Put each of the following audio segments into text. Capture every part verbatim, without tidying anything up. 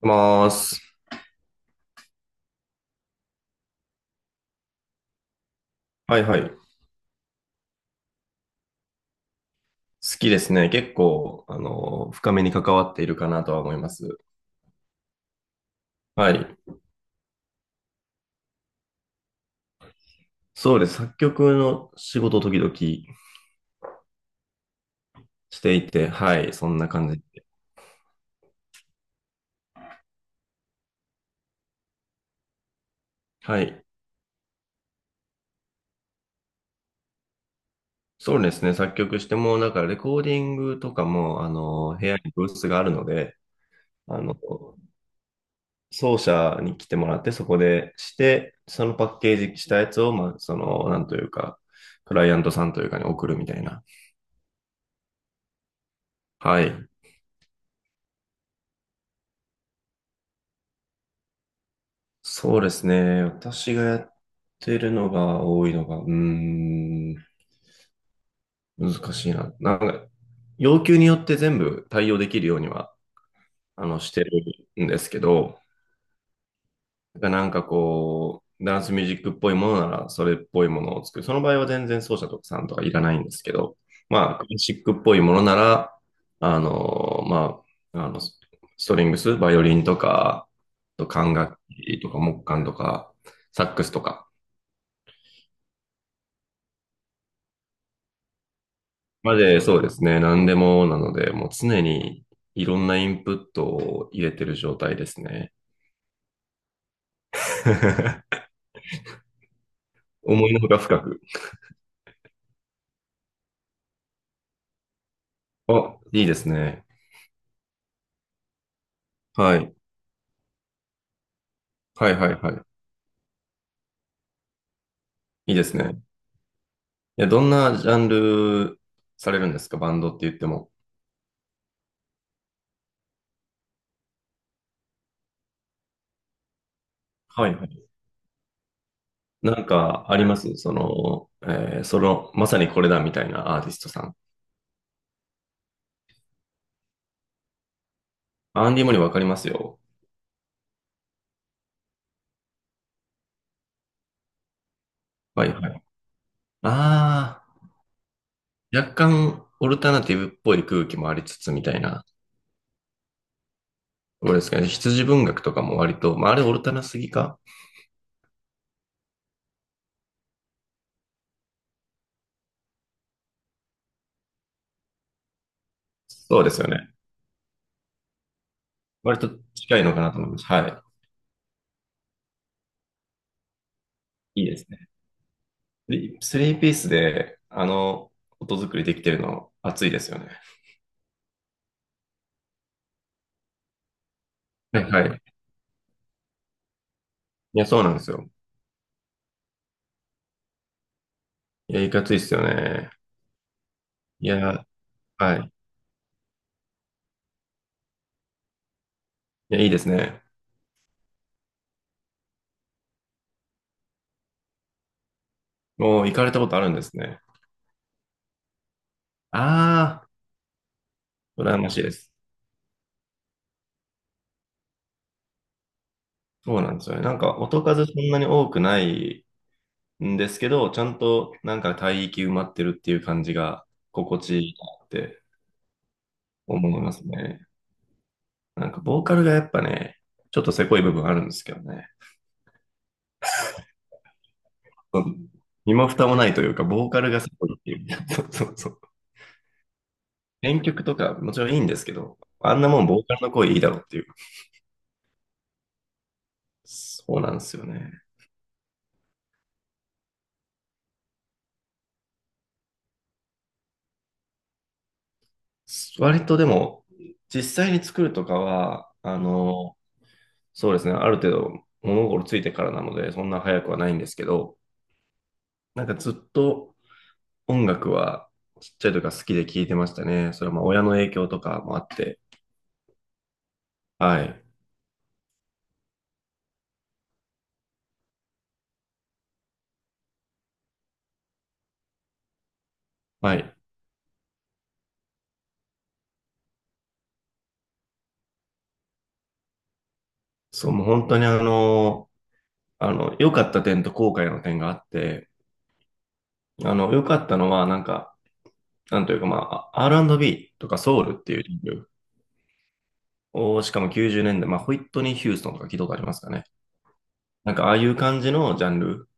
まーす。はいはい。好きですね。結構、あの、深めに関わっているかなとは思います。はい。そうです。作曲の仕事を時々していて、はい。そんな感じで。はい。そうですね。作曲しても、だからレコーディングとかも、あの、部屋に教室があるので、あの、奏者に来てもらって、そこでして、そのパッケージしたやつを、まあ、その、なんというか、クライアントさんというかに送るみたいな。はい。そうですね。私がやってるのが多いのが、うーん、難しいな。なんか、要求によって全部対応できるようには、あの、してるんですけど、なんかこう、ダンスミュージックっぽいものなら、それっぽいものを作る。その場合は全然奏者とかさんとかいらないんですけど、まあ、クラシックっぽいものなら、あの、まあ、あの、ストリングス、バイオリンとか、あと管楽器とか木管とか、サックスとか、まで、そうですね。何でもなので、もう常にいろんなインプットを入れてる状態ですね。思いのほか深く。あ、いいですね。はい。はいはいはい。いいですね。いや、どんなジャンルされるんですかバンドって言っても。はいはい。なんかありますその、えーその、まさにこれだみたいなアーティストさん。アンディ・モリわかりますよ。はいはい。ああ、若干オルタナティブっぽい空気もありつつみたいな。どうですかね。羊文学とかも割と、まあ、あれオルタナすぎか。そうですよね。割と近いのかなと思います。はい。いいですね。でスリーピースで、あの、音作りできてるの、熱いですよね。はいはい。いや、そうなんですよ。いや、いかついっすよね。いや、はい。いや、いいですね。もう行かれたことあるんですね。ああ、羨ましいです。そうなんですよね。なんか、音数そんなに多くないんですけど、ちゃんとなんか帯域埋まってるっていう感じが心地いいなって思いますね。なんか、ボーカルがやっぱね、ちょっとせこい部分あるんですけどね。うん、身も蓋もないというか、ボーカルがせこいっていう。そうそうそう。編曲とかもちろんいいんですけど、あんなもんボーカルの声いいだろうっていう。そうなんですよね。割とでも、実際に作るとかは、あの、そうですね、ある程度物心ついてからなので、そんな早くはないんですけど、なんかずっと音楽はちっちゃい時から好きで聴いてましたね。それはまあ親の影響とかもあって、はい。はい。そう、もう本当にあの、あの、良かった点と後悔の点があって、あの、良かったのは、なんか、なんというか、まあ、アールアンドビー とかソウルっていうジャンルを、しかもきゅうじゅうねんだい、まあ、ホイットニー・ヒューストンとか聞いたことありますかね。なんか、ああいう感じのジャンル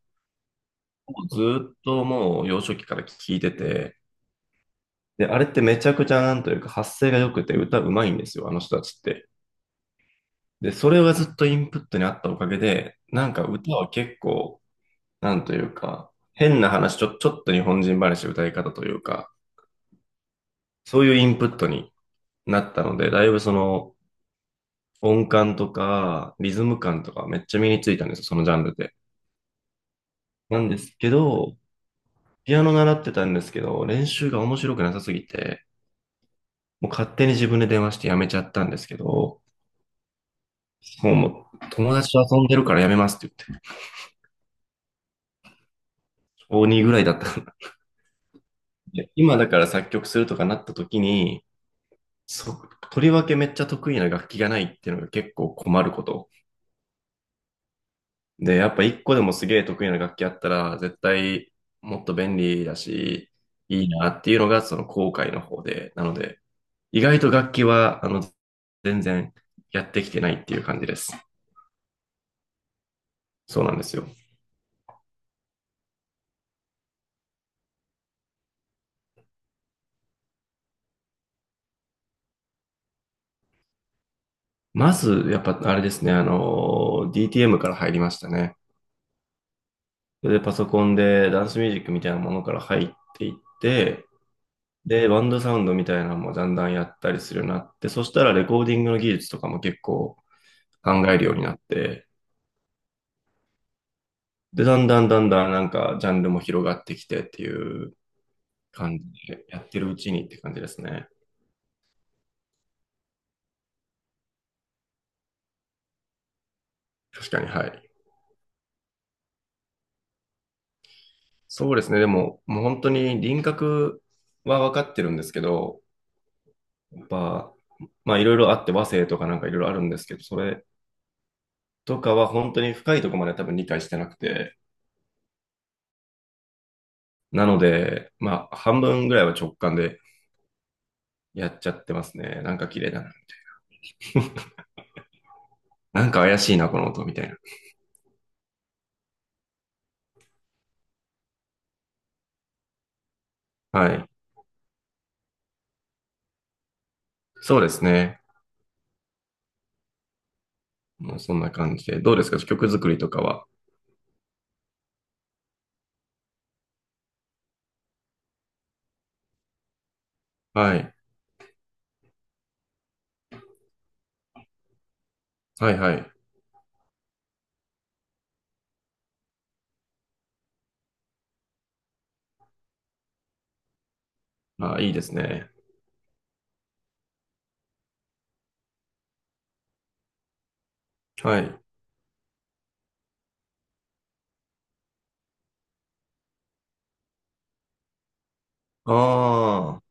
をずっともう幼少期から聞いてて、で、あれってめちゃくちゃなんというか、発声が良くて歌うまいんですよ、あの人たちって。で、それがずっとインプットにあったおかげで、なんか歌は結構、なんというか、変な話、ちょ、ちょっと日本人話歌い方というか、そういうインプットになったので、だいぶその音感とかリズム感とかめっちゃ身についたんですよ、そのジャンルで。なんですけど、ピアノ習ってたんですけど、練習が面白くなさすぎて、もう勝手に自分で電話してやめちゃったんですけど、もうも友達と遊んでるからやめますって言って、小にぐらいだったんで、今だから作曲するとかなった時に、そ、とりわけめっちゃ得意な楽器がないっていうのが結構困ること。で、やっぱ一個でもすげえ得意な楽器あったら、絶対もっと便利だし、いいなっていうのがその後悔の方で、なので、意外と楽器は、あの、全然やってきてないっていう感じです。そうなんですよ。まず、やっぱあれですね、あの、ディーティーエム から入りましたね。で、パソコンでダンスミュージックみたいなものから入っていって、で、バンドサウンドみたいなのもだんだんやったりするようになって、そしたらレコーディングの技術とかも結構考えるようになって、で、だんだんだんだんなんかジャンルも広がってきてっていう感じで、やってるうちにって感じですね。確かに、はい。そうですね。でも、もう本当に輪郭は分かってるんですけど、やっぱ、まあいろいろあって和声とかなんかいろいろあるんですけど、それとかは本当に深いところまで多分理解してなくて、なので、まあ半分ぐらいは直感で、やっちゃってますね。なんか綺麗だな。なんか怪しいな、この音みたいな。はい。そうですね。もうそんな感じで。どうですか曲作りとかは。はい。はいはい。あ、いいですね。はい。ああ。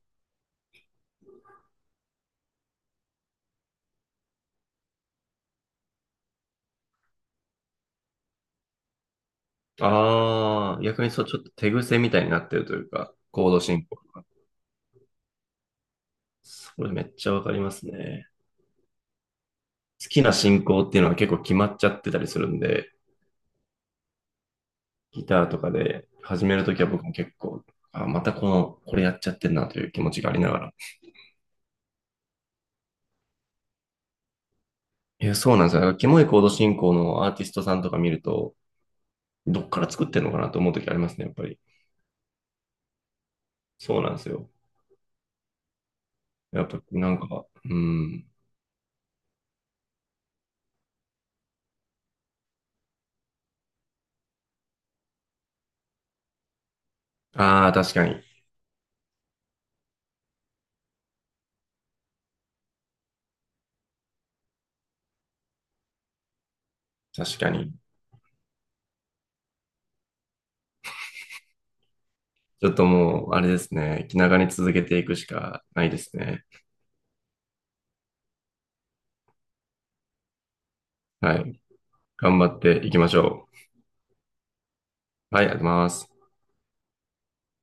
ああ。逆にそう、ちょっと手癖みたいになってるというか、コード進行が。それめっちゃわかりますね。好きな進行っていうのは結構決まっちゃってたりするんで、ギターとかで始めるときは僕も結構、あ、またこの、これやっちゃってんなという気持ちがありながら、いや、そうなんですよ。だからキモいコード進行のアーティストさんとか見ると、どっから作ってんのかなと思うときありますね、やっぱり。そうなんですよ。やっぱ、なんか、うん。ああ、確かに。確かに。ちょっともう、あれですね。気長に続けていくしかないですね。はい。頑張っていきましょう。はい、ありがとうございます。